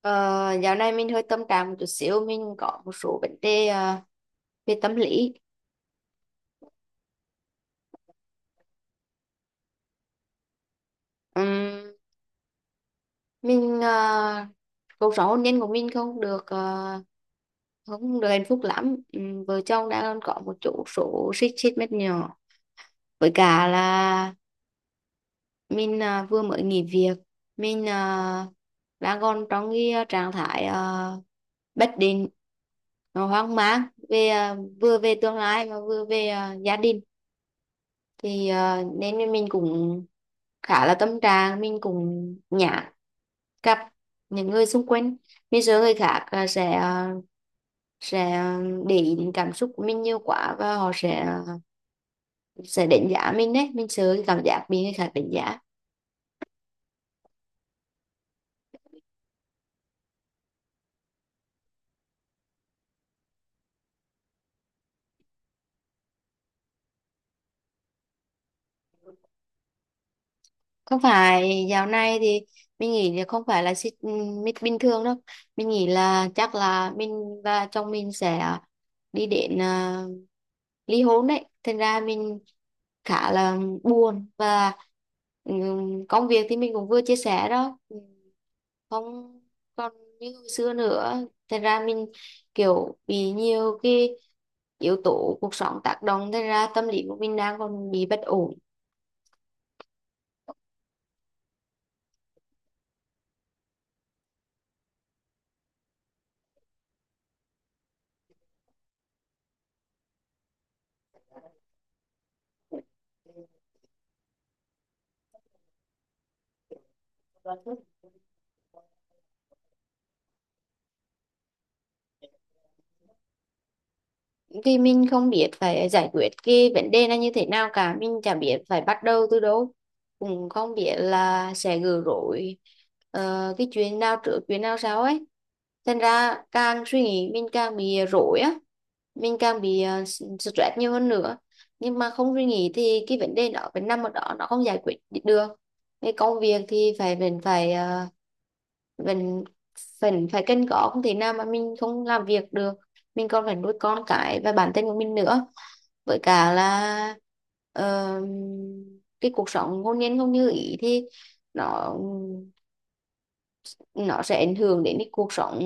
Ờ, dạo này mình hơi tâm trạng một chút xíu, mình có một số vấn đề về tâm lý. Ừm, mình cuộc sống hôn nhân của mình không được không được hạnh phúc lắm. Vợ chồng đang có một chỗ số xích xích mét nhỏ, với cả là mình vừa mới nghỉ việc. Mình đang còn trong cái trạng thái bất định, hoang mang về vừa về tương lai mà vừa về gia đình, thì nên mình cũng khá là tâm trạng, mình cũng nhả gặp những người xung quanh. Bây giờ người khác sẽ sẽ ờ, để ý đến cảm xúc của mình nhiều quá, và họ sẽ đánh giá mình đấy, mình sợ cái cảm giác bị người khác đánh giá. Không phải, dạo này thì mình nghĩ là không phải là xích mít bình thường đâu, mình nghĩ là chắc là mình và chồng mình sẽ đi đến ly hôn đấy, thành ra mình khá là buồn. Và công việc thì mình cũng vừa chia sẻ đó. Không còn như hồi xưa nữa, thành ra mình kiểu bị nhiều cái yếu tố cuộc sống tác động, thành ra tâm lý của mình đang còn bị bất ổn. Vì mình không biết phải giải quyết cái vấn đề này như thế nào cả, mình chả biết phải bắt đầu từ đâu, cũng không biết là sẽ gỡ rối cái chuyện nào trước chuyện nào sau ấy, thành ra càng suy nghĩ mình càng bị rối á, mình càng bị stress nhiều hơn nữa. Nhưng mà không suy nghĩ thì cái vấn đề đó vẫn nằm ở đó, nó không giải quyết được. Cái công việc thì phải vẫn phải ờ, vẫn vẫn phải cân có, không thể nào mà mình không làm việc được, mình còn phải nuôi con cái và bản thân của mình nữa. Với cả là ờ, cái cuộc sống hôn nhân không như ý thì nó nó sẽ ảnh hưởng đến cái cuộc sống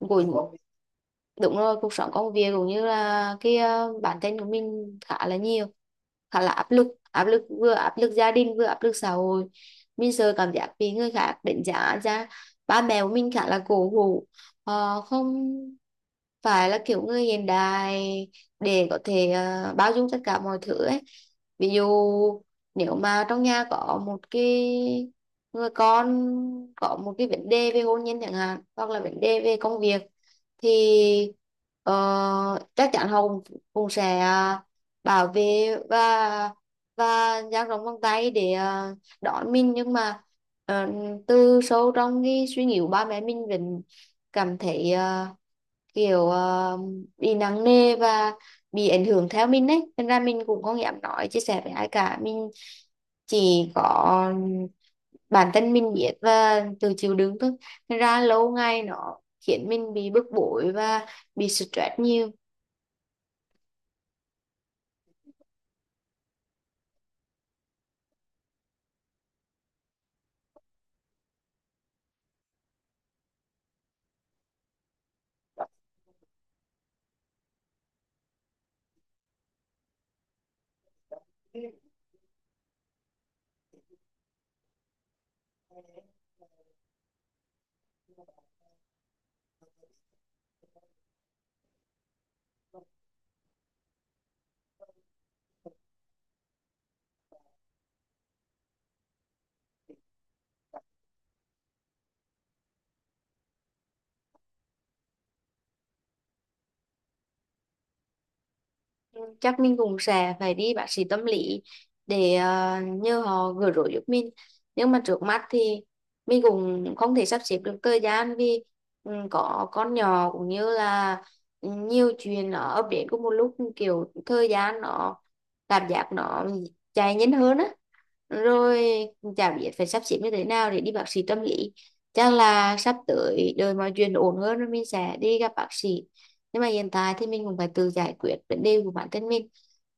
của, đúng rồi, cuộc sống công việc, cũng như là cái bản thân của mình khá là nhiều, khá là áp lực, áp lực, vừa áp lực gia đình vừa áp lực xã hội, mình sợ cảm giác bị người khác đánh giá ra. Ba mẹ của mình khá là cổ hủ, họ không phải là kiểu người hiện đại để có thể bao dung tất cả mọi thứ ấy. Ví dụ nếu mà trong nhà có một cái người con có một cái vấn đề về hôn nhân chẳng hạn, hoặc là vấn đề về công việc, thì chắc chắn họ cũng sẽ bảo vệ và dang rộng vòng tay để đón mình, nhưng mà ờ, từ sâu trong cái suy nghĩ của ba mẹ, mình vẫn cảm thấy kiểu bị nặng nề và bị ảnh hưởng theo mình đấy, nên ra mình cũng không dám nói chia sẻ với ai cả. Mình chỉ có bản thân mình biết và tự chịu đựng thôi, nên ra lâu ngày nó khiến mình bị bức bối và bị stress nhiều. Chắc mình cũng sẽ phải đi bác sĩ tâm lý để nhờ họ gỡ rối giúp mình, nhưng mà trước mắt thì mình cũng không thể sắp xếp được thời gian, vì ừ, có con nhỏ cũng như là nhiều chuyện nó ập đến cùng một lúc, kiểu thời gian nó cảm giác nó chạy nhanh hơn á, rồi chả biết phải sắp xếp như thế nào để đi bác sĩ tâm lý. Chắc là sắp tới đợi mọi chuyện ổn hơn rồi mình sẽ đi gặp bác sĩ, nhưng mà hiện tại thì mình cũng phải tự giải quyết vấn đề của bản thân mình.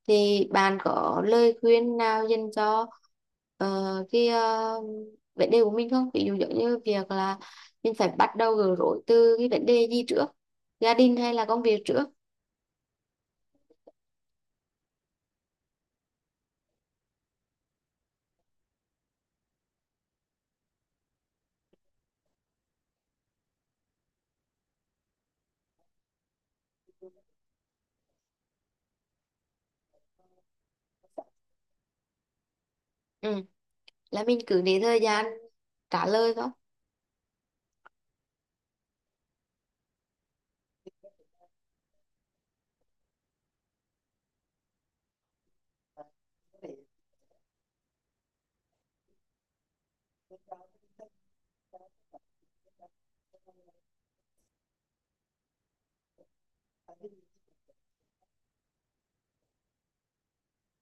Thì bạn có lời khuyên nào dành cho ờ, cái vấn đề của mình không, ví dụ giống như việc là mình phải bắt đầu gỡ rối từ cái vấn đề gì trước, gia đình hay là công việc trước? Ừ, là mình cứ để thời gian trả lời thôi.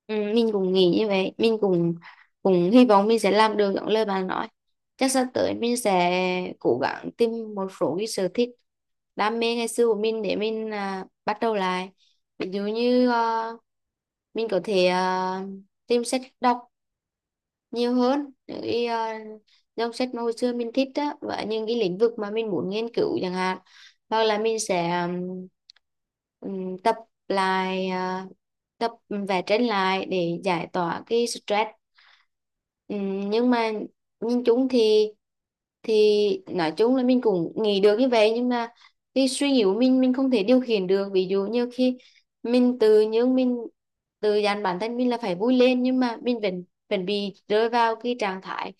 Ừ, mình cũng nghĩ như vậy, mình cũng cũng hy vọng mình sẽ làm được những lời bạn nói. Chắc sắp tới mình sẽ cố gắng tìm một số cái sở thích, đam mê ngày xưa của mình, để mình bắt đầu lại. Ví dụ như mình có thể tìm sách đọc nhiều hơn, những cái dòng sách mà hồi xưa mình thích á, và những cái lĩnh vực mà mình muốn nghiên cứu chẳng hạn. Hoặc là mình sẽ tập lại, tập vẽ tranh lại để giải tỏa cái stress. Nhưng mà nhìn chung thì, nói chung là mình cũng nghĩ được như vậy, nhưng mà cái suy nghĩ của mình không thể điều khiển được. Ví dụ như khi mình tự dặn bản thân mình là phải vui lên, nhưng mà mình bị rơi vào cái trạng thái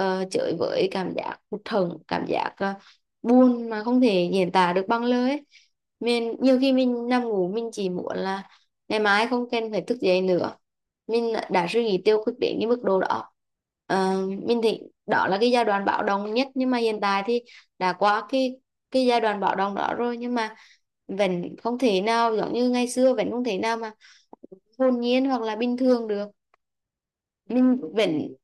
chới với, cảm giác hụt hẫng, cảm giác buồn mà không thể diễn tả được bằng lời ấy. Mình nhiều khi mình nằm ngủ, mình chỉ muốn là ngày mai không cần phải thức dậy nữa, mình đã suy nghĩ tiêu cực đến cái mức độ đó. Ờ, mình thì đó là cái giai đoạn bạo động nhất, nhưng mà hiện tại thì đã qua cái giai đoạn bạo động đó rồi, nhưng mà vẫn không thể nào giống như ngày xưa, vẫn không thể nào mà hồn nhiên hoặc là bình thường được. Mình vẫn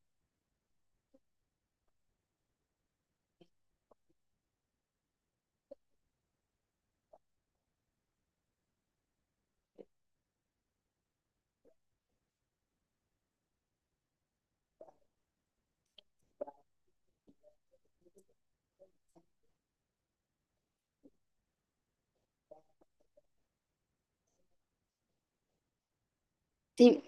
thì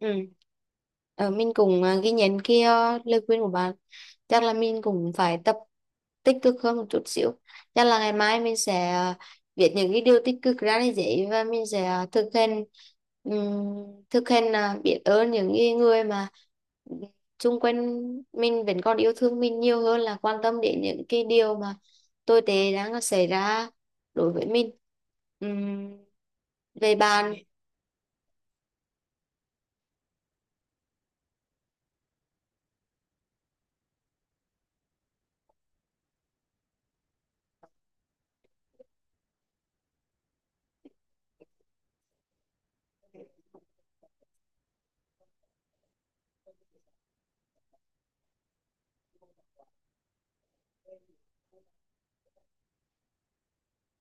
ừ. Ờ, mình cũng ghi nhận cái lời khuyên của bạn. Chắc là mình cũng phải tập tích cực hơn một chút xíu. Chắc là ngày mai mình sẽ viết những cái điều tích cực ra lên giấy, và mình sẽ thực hành, ừm, thực hành biết ơn những cái người mà xung quanh mình vẫn còn yêu thương mình, nhiều hơn là quan tâm đến những cái điều mà tồi tệ đang xảy ra đối với mình. Ừm, về bạn.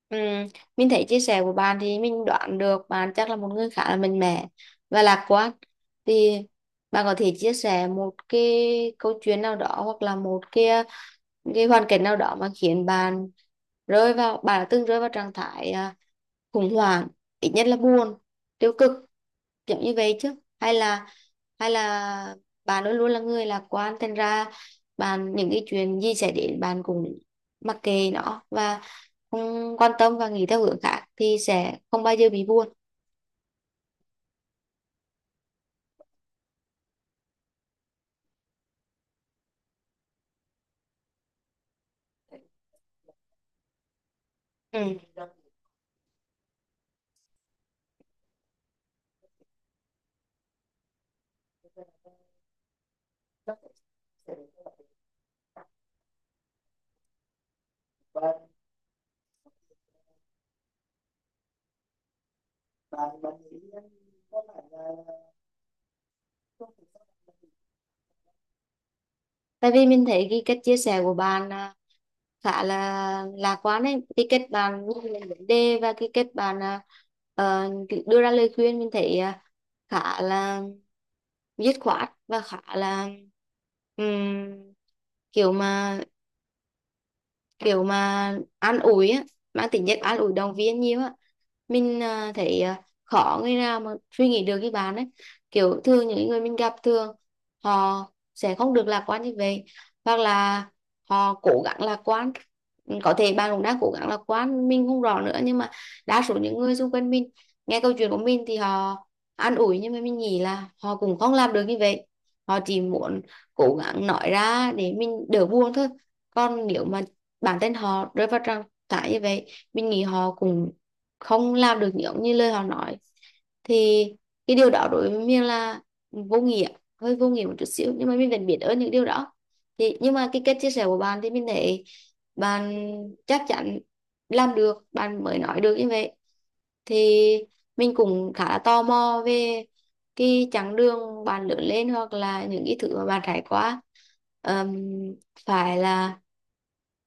Ừ, mình thấy chia sẻ của bạn thì mình đoán được bạn chắc là một người khá là mạnh mẽ và lạc quan. Thì bạn có thể chia sẻ một cái câu chuyện nào đó, hoặc là một cái hoàn cảnh nào đó mà khiến bạn rơi vào bạn đã từng rơi vào trạng thái khủng hoảng, ít nhất là buồn, tiêu cực, kiểu như vậy chứ? Hay là hay là bạn luôn luôn là người lạc quan, thành ra bạn những cái chuyện gì xảy đến bạn cũng mặc kệ nó, và không quan tâm và nghĩ theo hướng khác thì sẽ không bao giờ bị buồn. Ừ. Tại vì mình thấy cái cách chia sẻ của bạn khá là lạc quan ấy, cái cách bạn nhìn lên vấn đề và cái cách bạn cứ đưa ra lời khuyên, mình thấy khá là dứt khoát và khá là ừm, kiểu mà kiểu mà an ủi á, mang tính chất an ủi động viên nhiều á. Mình thấy khó người nào mà suy nghĩ được như bạn ấy, kiểu thường những người mình gặp thường họ sẽ không được lạc quan như vậy, hoặc là họ cố gắng lạc quan. Ừ, có thể bạn cũng đang cố gắng lạc quan, mình không rõ nữa, nhưng mà đa số những người xung quanh mình nghe câu chuyện của mình thì họ an ủi, nhưng mà mình nghĩ là họ cũng không làm được như vậy. Họ chỉ muốn cố gắng nói ra để mình đỡ buồn thôi, còn nếu mà bản thân họ rơi vào trạng thái như vậy, mình nghĩ họ cũng không làm được giống như lời họ nói. Thì cái điều đó đối với mình là vô nghĩa, hơi vô nghĩa một chút xíu, nhưng mà mình vẫn biết ơn những điều đó. Thì nhưng mà cái cách chia sẻ của bạn thì mình thấy bạn chắc chắn làm được bạn mới nói được như vậy. Thì mình cũng khá là tò mò về cái chặng đường bạn lớn lên, hoặc là những cái thứ mà bạn trải qua. Ờm, phải là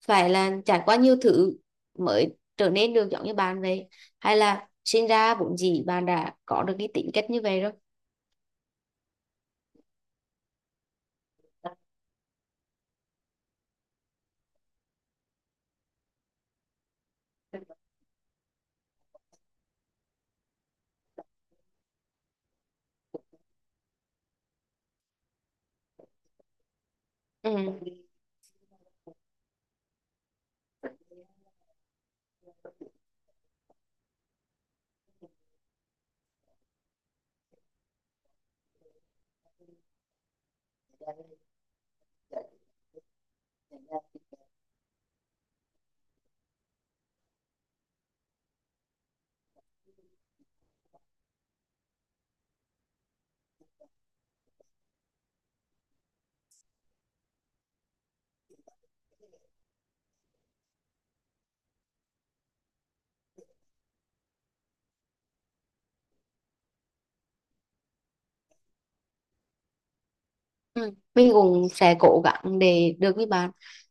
phải là trải qua nhiều thứ mới trở nên được giống như bạn vậy, hay là sinh ra vốn dĩ bạn đã có được cái tính cách như vậy rồi? Ừ. Ừ, mình cũng sẽ cố gắng để được với bạn.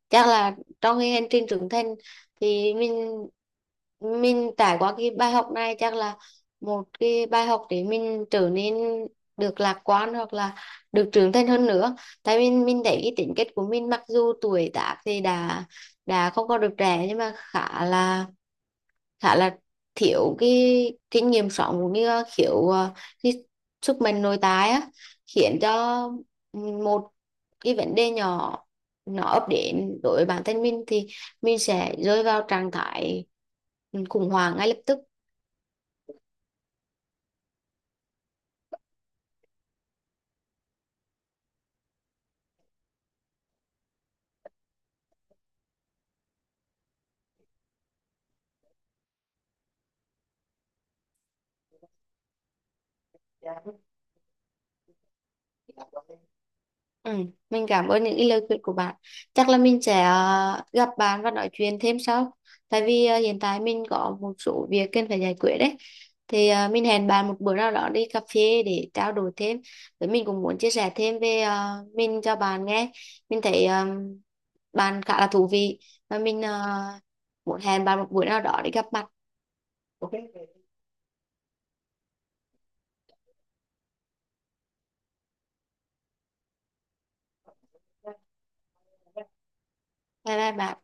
Chắc là trong cái hành trình trưởng thành thì mình trải qua cái bài học này, chắc là một cái bài học để mình trở nên được lạc quan hoặc là được trưởng thành hơn nữa. Tại mình thấy cái tính cách của mình, mặc dù tuổi tác thì đã không còn được trẻ, nhưng mà khá là khá là thiếu cái kinh nghiệm sống, cũng như thiếu cái sức mạnh nội tại á, khiến cho một cái vấn đề nhỏ nó ập đến đối với bản thân mình thì mình sẽ rơi vào trạng thái khủng hoảng ngay lập tức. Ừ, mình cảm ơn những cái lời khuyên của bạn. Chắc là mình sẽ gặp bạn và nói chuyện thêm sau. Tại vì hiện tại mình có một số việc cần phải giải quyết đấy. Thì mình hẹn bạn một bữa nào đó đi cà phê để trao đổi thêm. Với mình cũng muốn chia sẻ thêm về mình cho bạn nghe. Mình thấy bạn khá là thú vị, và mình muốn hẹn bạn một bữa nào đó để gặp mặt. Ok. Bye bye bạn.